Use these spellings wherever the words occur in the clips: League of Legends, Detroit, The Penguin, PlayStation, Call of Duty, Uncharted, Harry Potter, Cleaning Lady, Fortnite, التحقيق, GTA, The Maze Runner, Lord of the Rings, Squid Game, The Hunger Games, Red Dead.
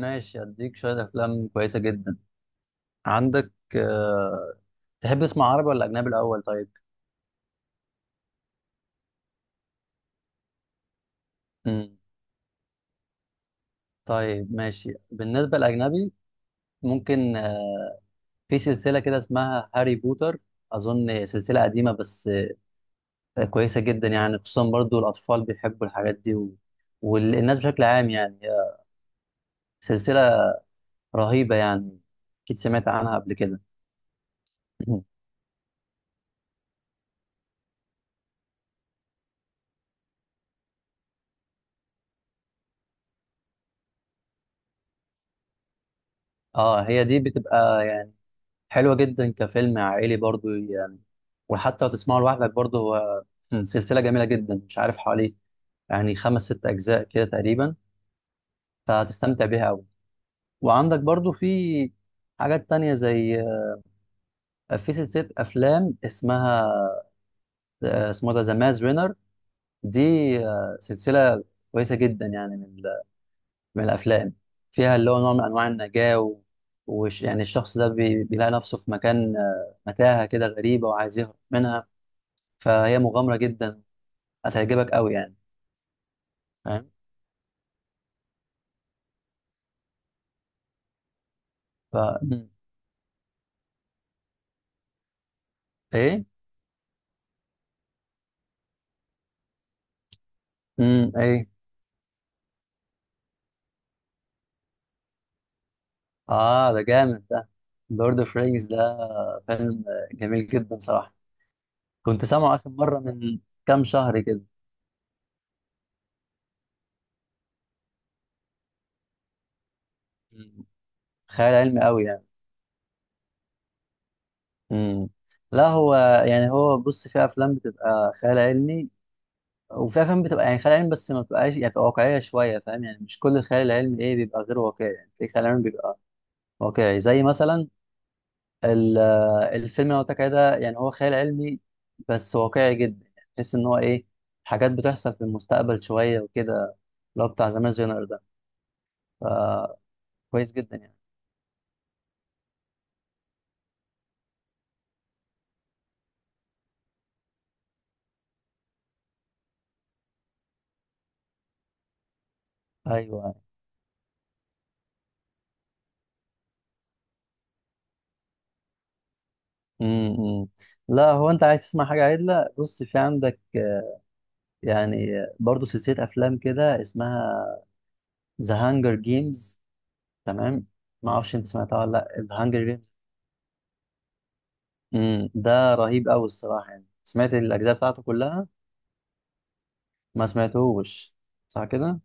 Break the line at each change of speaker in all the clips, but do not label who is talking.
ماشي، اديك شويه افلام كويسه جدا. عندك تحب تسمع عربي ولا اجنبي الاول؟ طيب. مم. طيب ماشي، بالنسبه للاجنبي، ممكن في سلسله كده اسمها هاري بوتر. اظن سلسله قديمه، بس كويسه جدا يعني، خصوصا برضو الاطفال بيحبوا الحاجات دي. و... والناس بشكل عام يعني سلسله رهيبه يعني. اكيد سمعت عنها قبل كده. اه، هي دي بتبقى حلوة جدا كفيلم عائلي برضو يعني، وحتى لو تسمعه لوحدك برضو هو سلسلة جميلة جدا. مش عارف، حوالي يعني خمس ست أجزاء كده تقريبا، فهتستمتع بيها أوي. وعندك برضو في حاجات تانية، زي في سلسلة أفلام اسمها، اسمه ده ذا ماز رينر. دي سلسلة كويسة جدا يعني، من الأفلام فيها، اللي هو نوع من أنواع النجاة. و... وش يعني، الشخص ده بيلاقي نفسه في مكان متاهة كده غريبة، وعايز يهرب منها. فهي مغامرة جدا، هتعجبك قوي يعني. فاهم؟ ف مم. ايه. ايه. اه، ده جامد ده. لورد اوف رينجز ده فيلم جميل جدا صراحة. كنت سامعه آخر مرة من كام شهر كده. مم. خيال علمي قوي يعني. امم لا، هو يعني هو بص، في افلام بتبقى خيال علمي، وفي افلام بتبقى يعني خيال علمي بس ما بتبقاش، يعني بتبقى واقعية شوية. فاهم؟ يعني مش كل الخيال العلمي ايه بيبقى غير واقعي، يعني في خيال علمي بيبقى واقعي، زي مثلا ال- الفيلم اللي أنا قلت لك عليه ده، يعني هو خيال علمي بس واقعي جدا. يعني تحس ان هو ايه، حاجات بتحصل في المستقبل شويه وكده، اللي هو بتاع زمان جنر ده. فكويس جدا يعني. ايوه. امم لا، هو انت عايز تسمع حاجه عدله؟ بص، في عندك يعني برضو سلسله افلام كده اسمها ذا هانجر جيمز. تمام؟ ما اعرفش انت سمعتها ولا لا، ذا هانجر جيمز. ده رهيب قوي الصراحه يعني. سمعت الاجزاء بتاعته كلها، ما سمعتهوش صح كده؟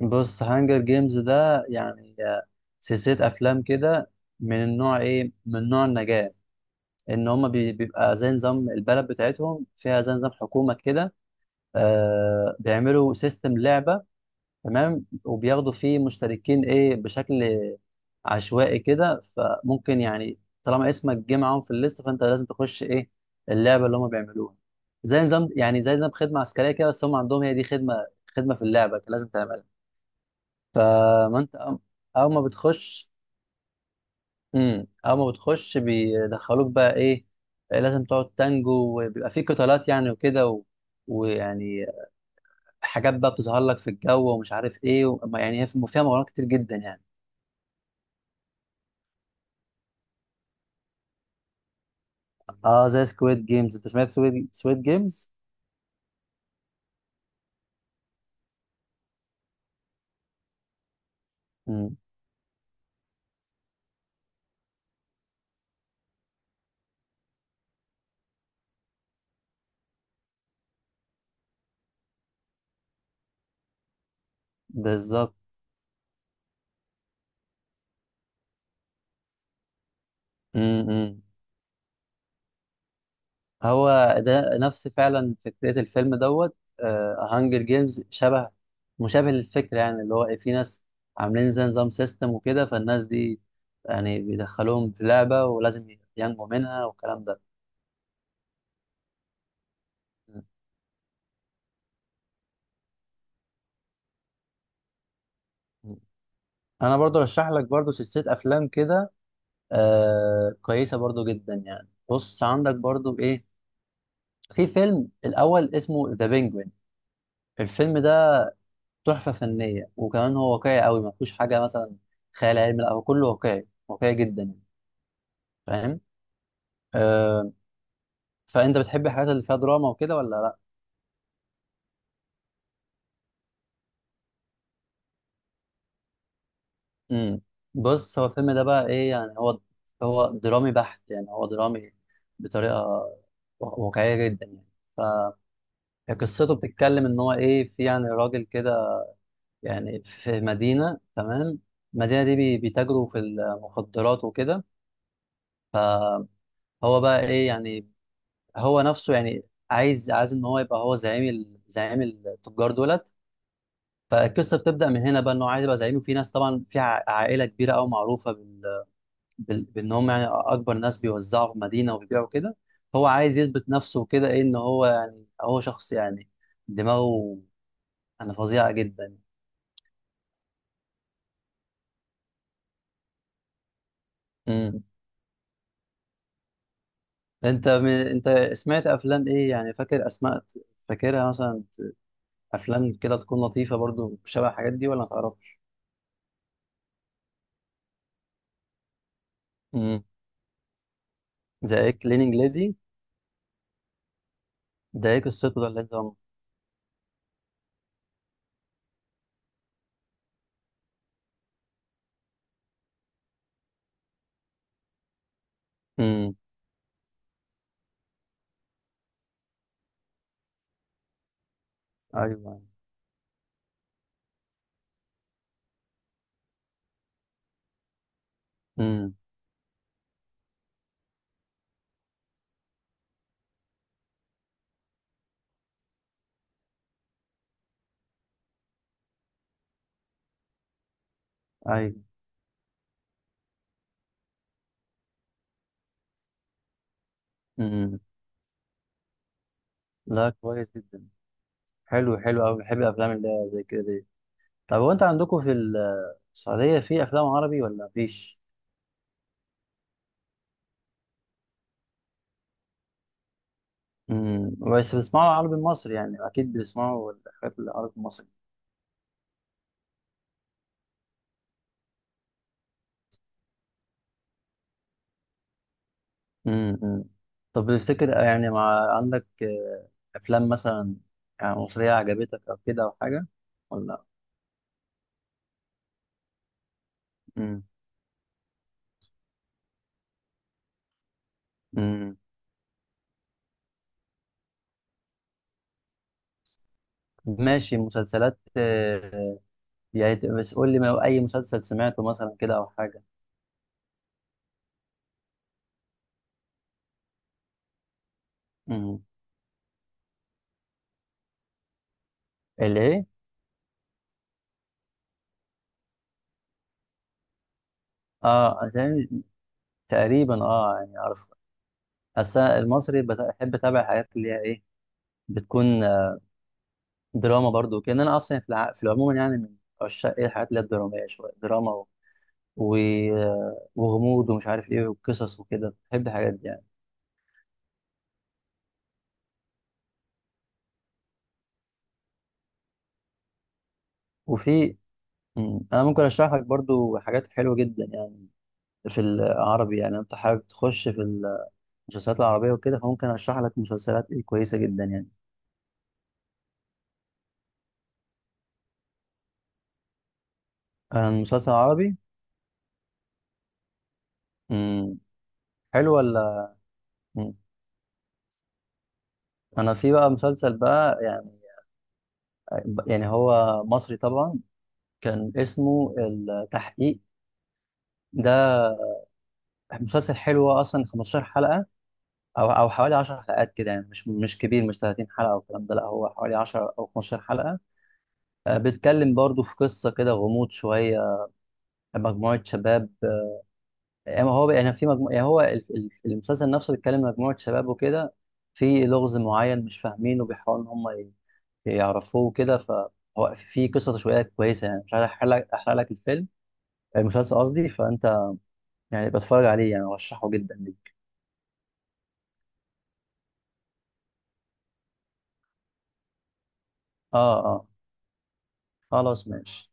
بص، هانجر جيمز ده يعني سلسلة أفلام كده من النوع إيه؟ من نوع النجاة. إن هما بيبقى زي نظام البلد بتاعتهم. فيها زي نظام حكومة كده. بيعملوا سيستم لعبة. تمام؟ وبياخدوا فيه مشتركين إيه، بشكل عشوائي كده. فممكن يعني طالما اسمك جه معاهم في الليست، فأنت لازم تخش إيه، اللعبة اللي هما بيعملوها. زي نظام، يعني زي نظام خدمة عسكرية كده، بس هم عندهم هي دي خدمة، خدمة في اللعبة لازم تعملها. فما انت أو اول ما بتخش اول ما بتخش بيدخلوك بقى ايه، لازم تقعد تانجو. وبيبقى في قتالات يعني، وكده ويعني حاجات بقى بتظهر لك في الجو، ومش عارف ايه. ما يعني، هي فيها مغامرات كتير جدا يعني. اه، زي سكويد جيمز. انت سمعت سكويد جيمز؟ امم بالظبط. امم هو ده نفس فعلا فكرة الفيلم دوت. هانجر جيمز شبه مشابه للفكرة، يعني اللي هو إيه، في ناس عاملين زي نظام سيستم وكده، فالناس دي يعني بيدخلوهم في لعبة ولازم ينجوا منها والكلام ده. م- م. أنا برضو رشح لك برضو سلسلة أفلام كده، كويسة برضو جدا يعني. بص، عندك برضو إيه، في فيلم الأول اسمه ذا بينجوين. الفيلم ده تحفة فنية، وكمان هو واقعي قوي. ما فيهوش حاجة مثلا خيال علمي، لا هو كله واقعي، واقعي جدا يعني. فاهم؟ آه فأنت بتحب الحاجات اللي فيها دراما وكده ولا لا؟ امم بص، هو الفيلم ده بقى إيه يعني، هو درامي بحت، يعني هو درامي بطريقة واقعية جدا يعني. فقصته بتتكلم إن هو إيه، في يعني راجل كده، يعني في مدينة. تمام؟ المدينة دي بيتاجروا في المخدرات وكده. هو بقى إيه يعني، هو نفسه يعني عايز ان هو يبقى هو زعيم زعيم التجار دولت. فالقصه بتبدا من هنا بقى، ان هو عايز يبقى زعيم. وفي ناس طبعا، في عائله كبيره قوي معروفه بان هم يعني اكبر ناس بيوزعوا في مدينه وبيبيعوا كده. هو عايز يثبت نفسه كده ايه، ان هو يعني هو شخص يعني دماغه انا فظيعه جدا. امم انت سمعت افلام ايه يعني، فاكر اسماء؟ مثلا افلام كده تكون لطيفه برضو شبه الحاجات دي، ولا ما تعرفش؟ امم زي كليننج ليدي. ده ايه قصته ده اللي انت امم ايوه. امم ايوه. امم لا، كويس جدا. حلو، حلو قوي. بحب الافلام اللي هي زي كده دي. طب هو انت عندكم في السعوديه في افلام عربي ولا مفيش؟ امم بس بتسمعوا العربي المصري يعني، اكيد بتسمعوا الحاجات العربي المصري. أمم. طب تفتكر يعني، مع عندك افلام مثلا يعني مصريه عجبتك او كده او حاجه، ولا؟ امم أمم. ماشي مسلسلات. يعني بس قول لي، اي مسلسل سمعته مثلا كده او حاجه؟ امم اللي ايه؟ اه، تقريبا، تقريبا، اه يعني اعرف. بس أنا المصري بحب اتابع حاجات اللي هي ايه، بتكون دراما برضو. كان انا اصلا في في العموم، يعني من عشاق ايه الحاجات اللي هي الدراميه، شويه دراما و... وغموض ومش عارف ايه وقصص وكده، بحب الحاجات دي يعني. وفي مم. انا ممكن اشرح لك برضو حاجات حلوه جدا يعني في العربي. يعني انت حابب تخش في المسلسلات العربيه وكده، فممكن اشرح لك مسلسلات إيه كويسه جدا يعني. مسلسل عربي. مم. حلو ولا؟ مم. انا في بقى مسلسل بقى يعني هو مصري طبعا، كان اسمه التحقيق. ده مسلسل حلو، اصلا 15 حلقة او حوالي 10 حلقات كده. يعني مش كبير، مش 30 حلقة او الكلام ده، لا هو حوالي 10 او 15 حلقة. بيتكلم برضو في قصة كده، غموض شوية، مجموعة شباب. يعني هو يعني في مجموعة، يعني هو المسلسل نفسه بيتكلم مجموعة شباب وكده، في لغز معين مش فاهمينه، وبيحاولوا ان هم يعرفوه كده. فهو في قصة تشويقية كويسة يعني، مش عارف أحرق لك الفيلم، المسلسل قصدي. فأنت يعني بتفرج عليه يعني، أرشحه جدا ليك. آه، آه، خلاص ماشي.